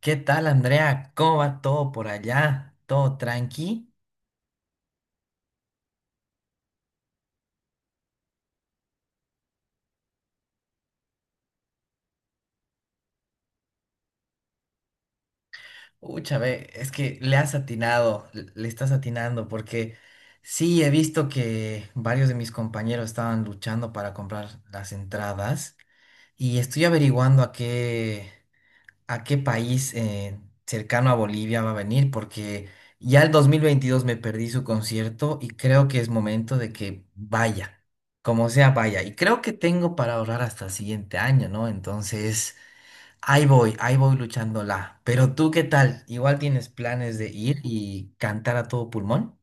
¿Qué tal, Andrea? ¿Cómo va todo por allá? ¿Todo tranqui? Ucha, ve, es que le has atinado, le estás atinando, porque sí, he visto que varios de mis compañeros estaban luchando para comprar las entradas y estoy averiguando a qué país cercano a Bolivia va a venir, porque ya el 2022 me perdí su concierto y creo que es momento de que vaya, como sea, vaya. Y creo que tengo para ahorrar hasta el siguiente año, ¿no? Entonces, ahí voy luchándola. Pero tú, ¿qué tal? ¿Igual tienes planes de ir y cantar a todo pulmón?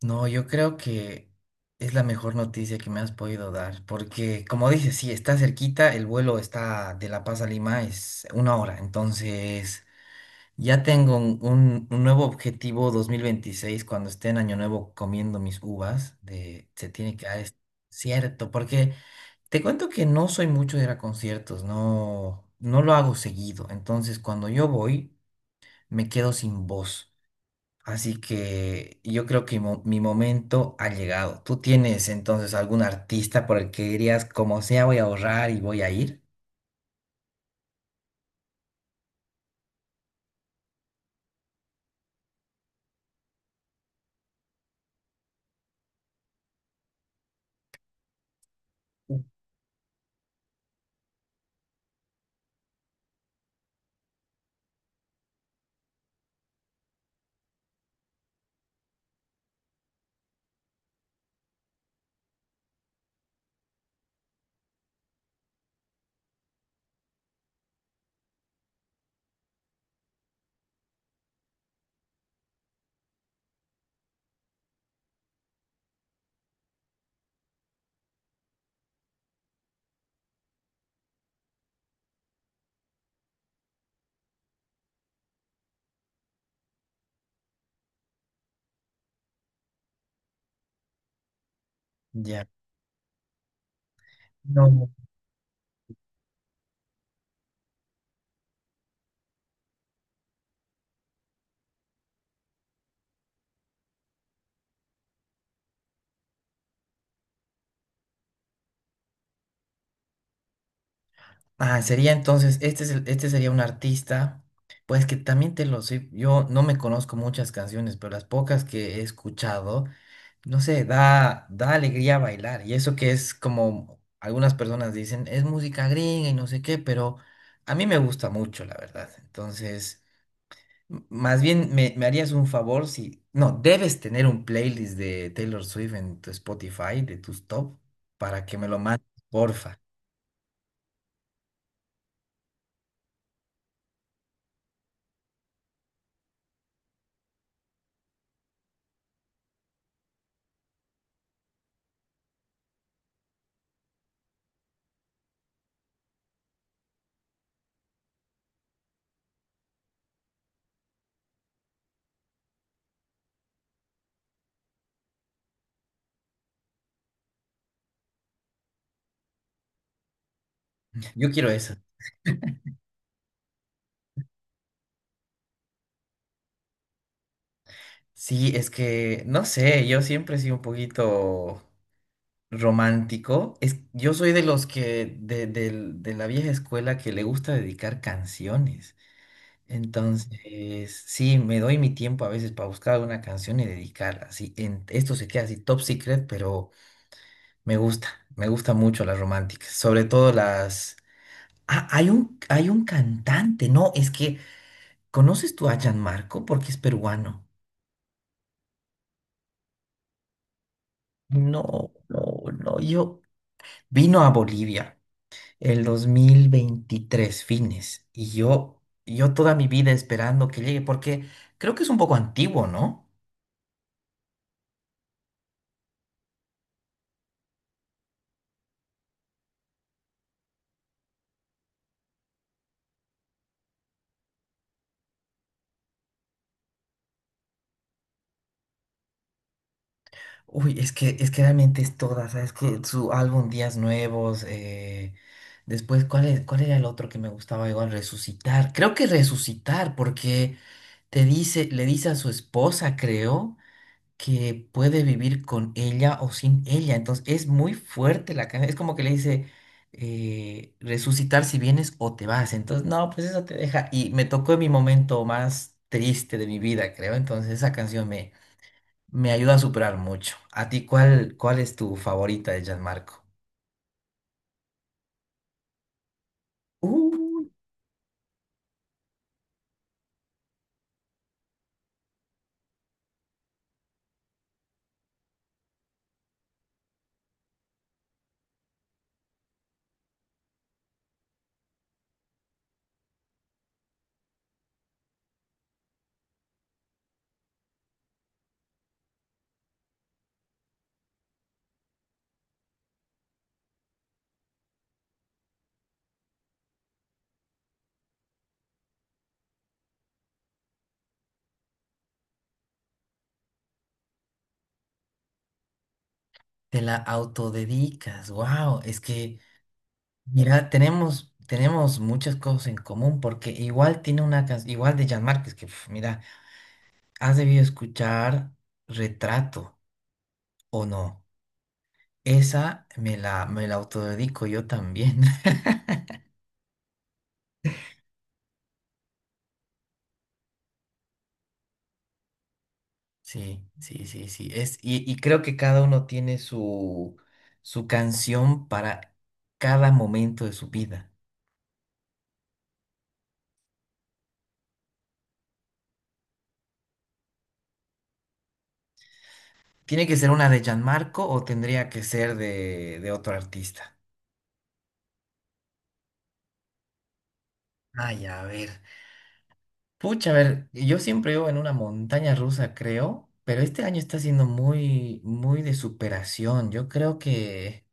No, yo creo que es la mejor noticia que me has podido dar, porque como dices, sí, está cerquita, el vuelo está de La Paz a Lima, es una hora, entonces ya tengo un nuevo objetivo 2026 cuando esté en Año Nuevo comiendo mis uvas, de se tiene que dar cierto, porque te cuento que no soy mucho de ir a conciertos, no, no lo hago seguido, entonces cuando yo voy me quedo sin voz. Así que yo creo que mi momento ha llegado. ¿Tú tienes entonces algún artista por el que dirías, como sea, voy a ahorrar y voy a ir? Ya. No. Ah, sería entonces, este sería un artista, pues que también te lo sé, yo no me conozco muchas canciones, pero las pocas que he escuchado, no sé, da alegría bailar. Y eso que es como algunas personas dicen, es música gringa y no sé qué, pero a mí me gusta mucho, la verdad. Entonces... Más bien, me harías un favor si... No, debes tener un playlist de Taylor Swift en tu Spotify, de tus top, para que me lo mandes, porfa. Yo quiero eso. Sí, es que, no sé, yo siempre he sido un poquito romántico. Es, yo soy de los que, de la vieja escuela que le gusta dedicar canciones. Entonces, sí, me doy mi tiempo a veces para buscar una canción y dedicarla. Sí, esto se queda así top secret, pero... Me gusta, me gusta mucho las románticas, sobre todo las... Ah, hay un cantante, no, es que, ¿conoces tú a Marco? Porque es peruano. No, no, no, yo... Vino a Bolivia el 2023 fines, y yo toda mi vida esperando que llegue, porque creo que es un poco antiguo, ¿no? Uy, es que realmente es toda, ¿sabes? Que su álbum Días Nuevos, después, ¿cuál era el otro que me gustaba igual? Resucitar. Creo que Resucitar, porque te dice, le dice a su esposa, creo, que puede vivir con ella o sin ella. Entonces, es muy fuerte la canción. Es como que le dice, resucitar si vienes o te vas. Entonces, no, pues eso te deja. Y me tocó en mi momento más triste de mi vida, creo. Entonces, esa canción me ayuda a superar mucho. ¿A ti cuál es tu favorita de Gianmarco? Uh, te la autodedicas. Wow, es que, mira, tenemos muchas cosas en común porque igual tiene una canción, igual de Jan es que, pf, mira, has debido escuchar Retrato o no. Esa me la autodedico yo también. Sí, sí, sí, sí. Y creo que cada uno tiene su, su canción para cada momento de su vida. ¿Tiene que ser una de Gianmarco o tendría que ser de otro artista? Ay, a ver. Pucha, a ver, yo siempre vivo en una montaña rusa, creo, pero este año está siendo muy, muy de superación.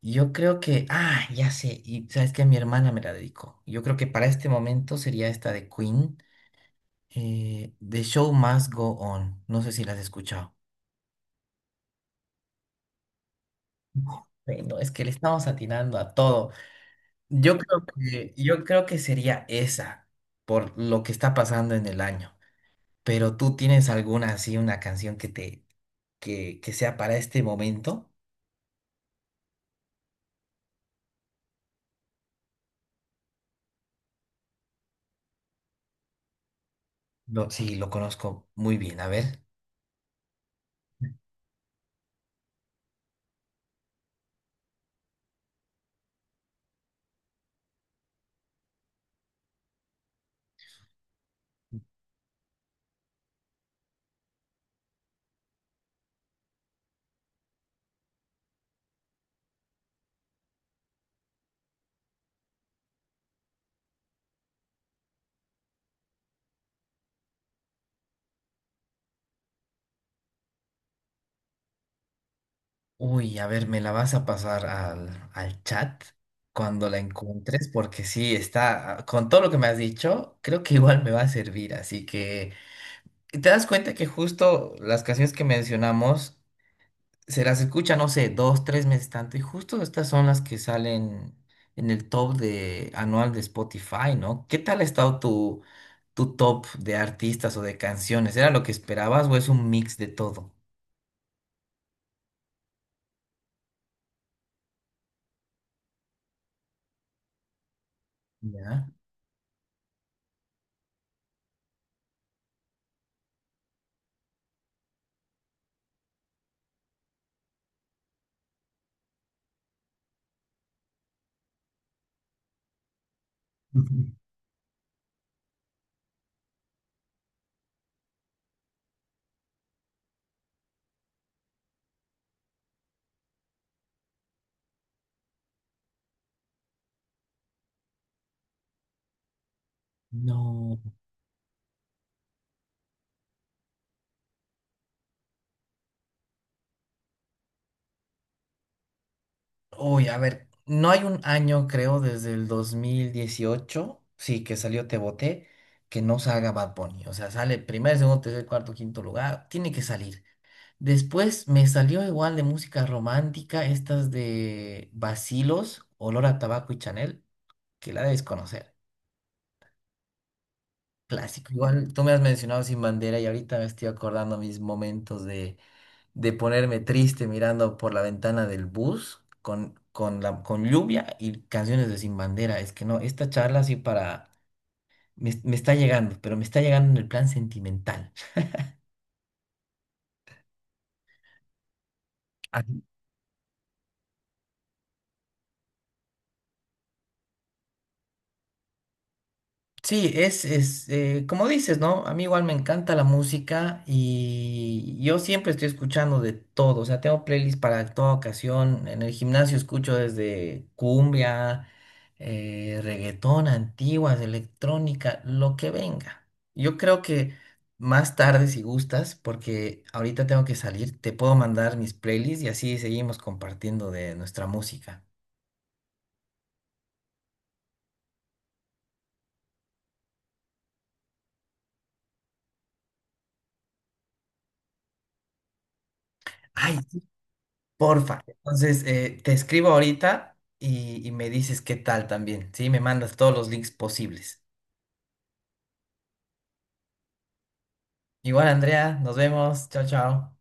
Yo creo que, ah, ya sé, y sabes que mi hermana me la dedicó. Yo creo que para este momento sería esta de Queen, The Show Must Go On. No sé si la has escuchado. Bueno, es que le estamos atinando a todo. Yo creo que sería esa, por lo que está pasando en el año. Pero tú tienes alguna así, una canción que que sea para este momento. Lo, sí, lo conozco muy bien. A ver. Uy, a ver, me la vas a pasar al chat cuando la encuentres, porque sí, está, con todo lo que me has dicho, creo que igual me va a servir. Así que te das cuenta que justo las canciones que mencionamos se las escucha, no sé, dos, tres meses tanto. Y justo estas son las que salen en el top de anual de Spotify, ¿no? ¿Qué tal ha estado tu, tu top de artistas o de canciones? ¿Era lo que esperabas o es un mix de todo? ¿Ya? Ujú. No. Uy, a ver, no hay un año, creo, desde el 2018 sí, que salió Te Boté, que no salga Bad Bunny. O sea, sale primer, segundo, tercer, cuarto, quinto lugar. Tiene que salir. Después me salió igual de música romántica, estas de Bacilos, Olor a Tabaco y Chanel, que la debes conocer. Clásico. Igual tú me has mencionado Sin Bandera y ahorita me estoy acordando mis momentos de ponerme triste mirando por la ventana del bus con lluvia y canciones de Sin Bandera. Es que no, esta charla sí para... Me está llegando, pero me está llegando en el plan sentimental. Sí, es como dices, ¿no? A mí igual me encanta la música y yo siempre estoy escuchando de todo, o sea, tengo playlists para toda ocasión. En el gimnasio escucho desde cumbia, reggaetón, antiguas, electrónica, lo que venga. Yo creo que más tarde, si gustas, porque ahorita tengo que salir, te puedo mandar mis playlists y así seguimos compartiendo de nuestra música. Ay, porfa. Entonces, te escribo ahorita y me dices qué tal también, ¿sí? Me mandas todos los links posibles. Igual, Andrea, nos vemos. Chao, chao.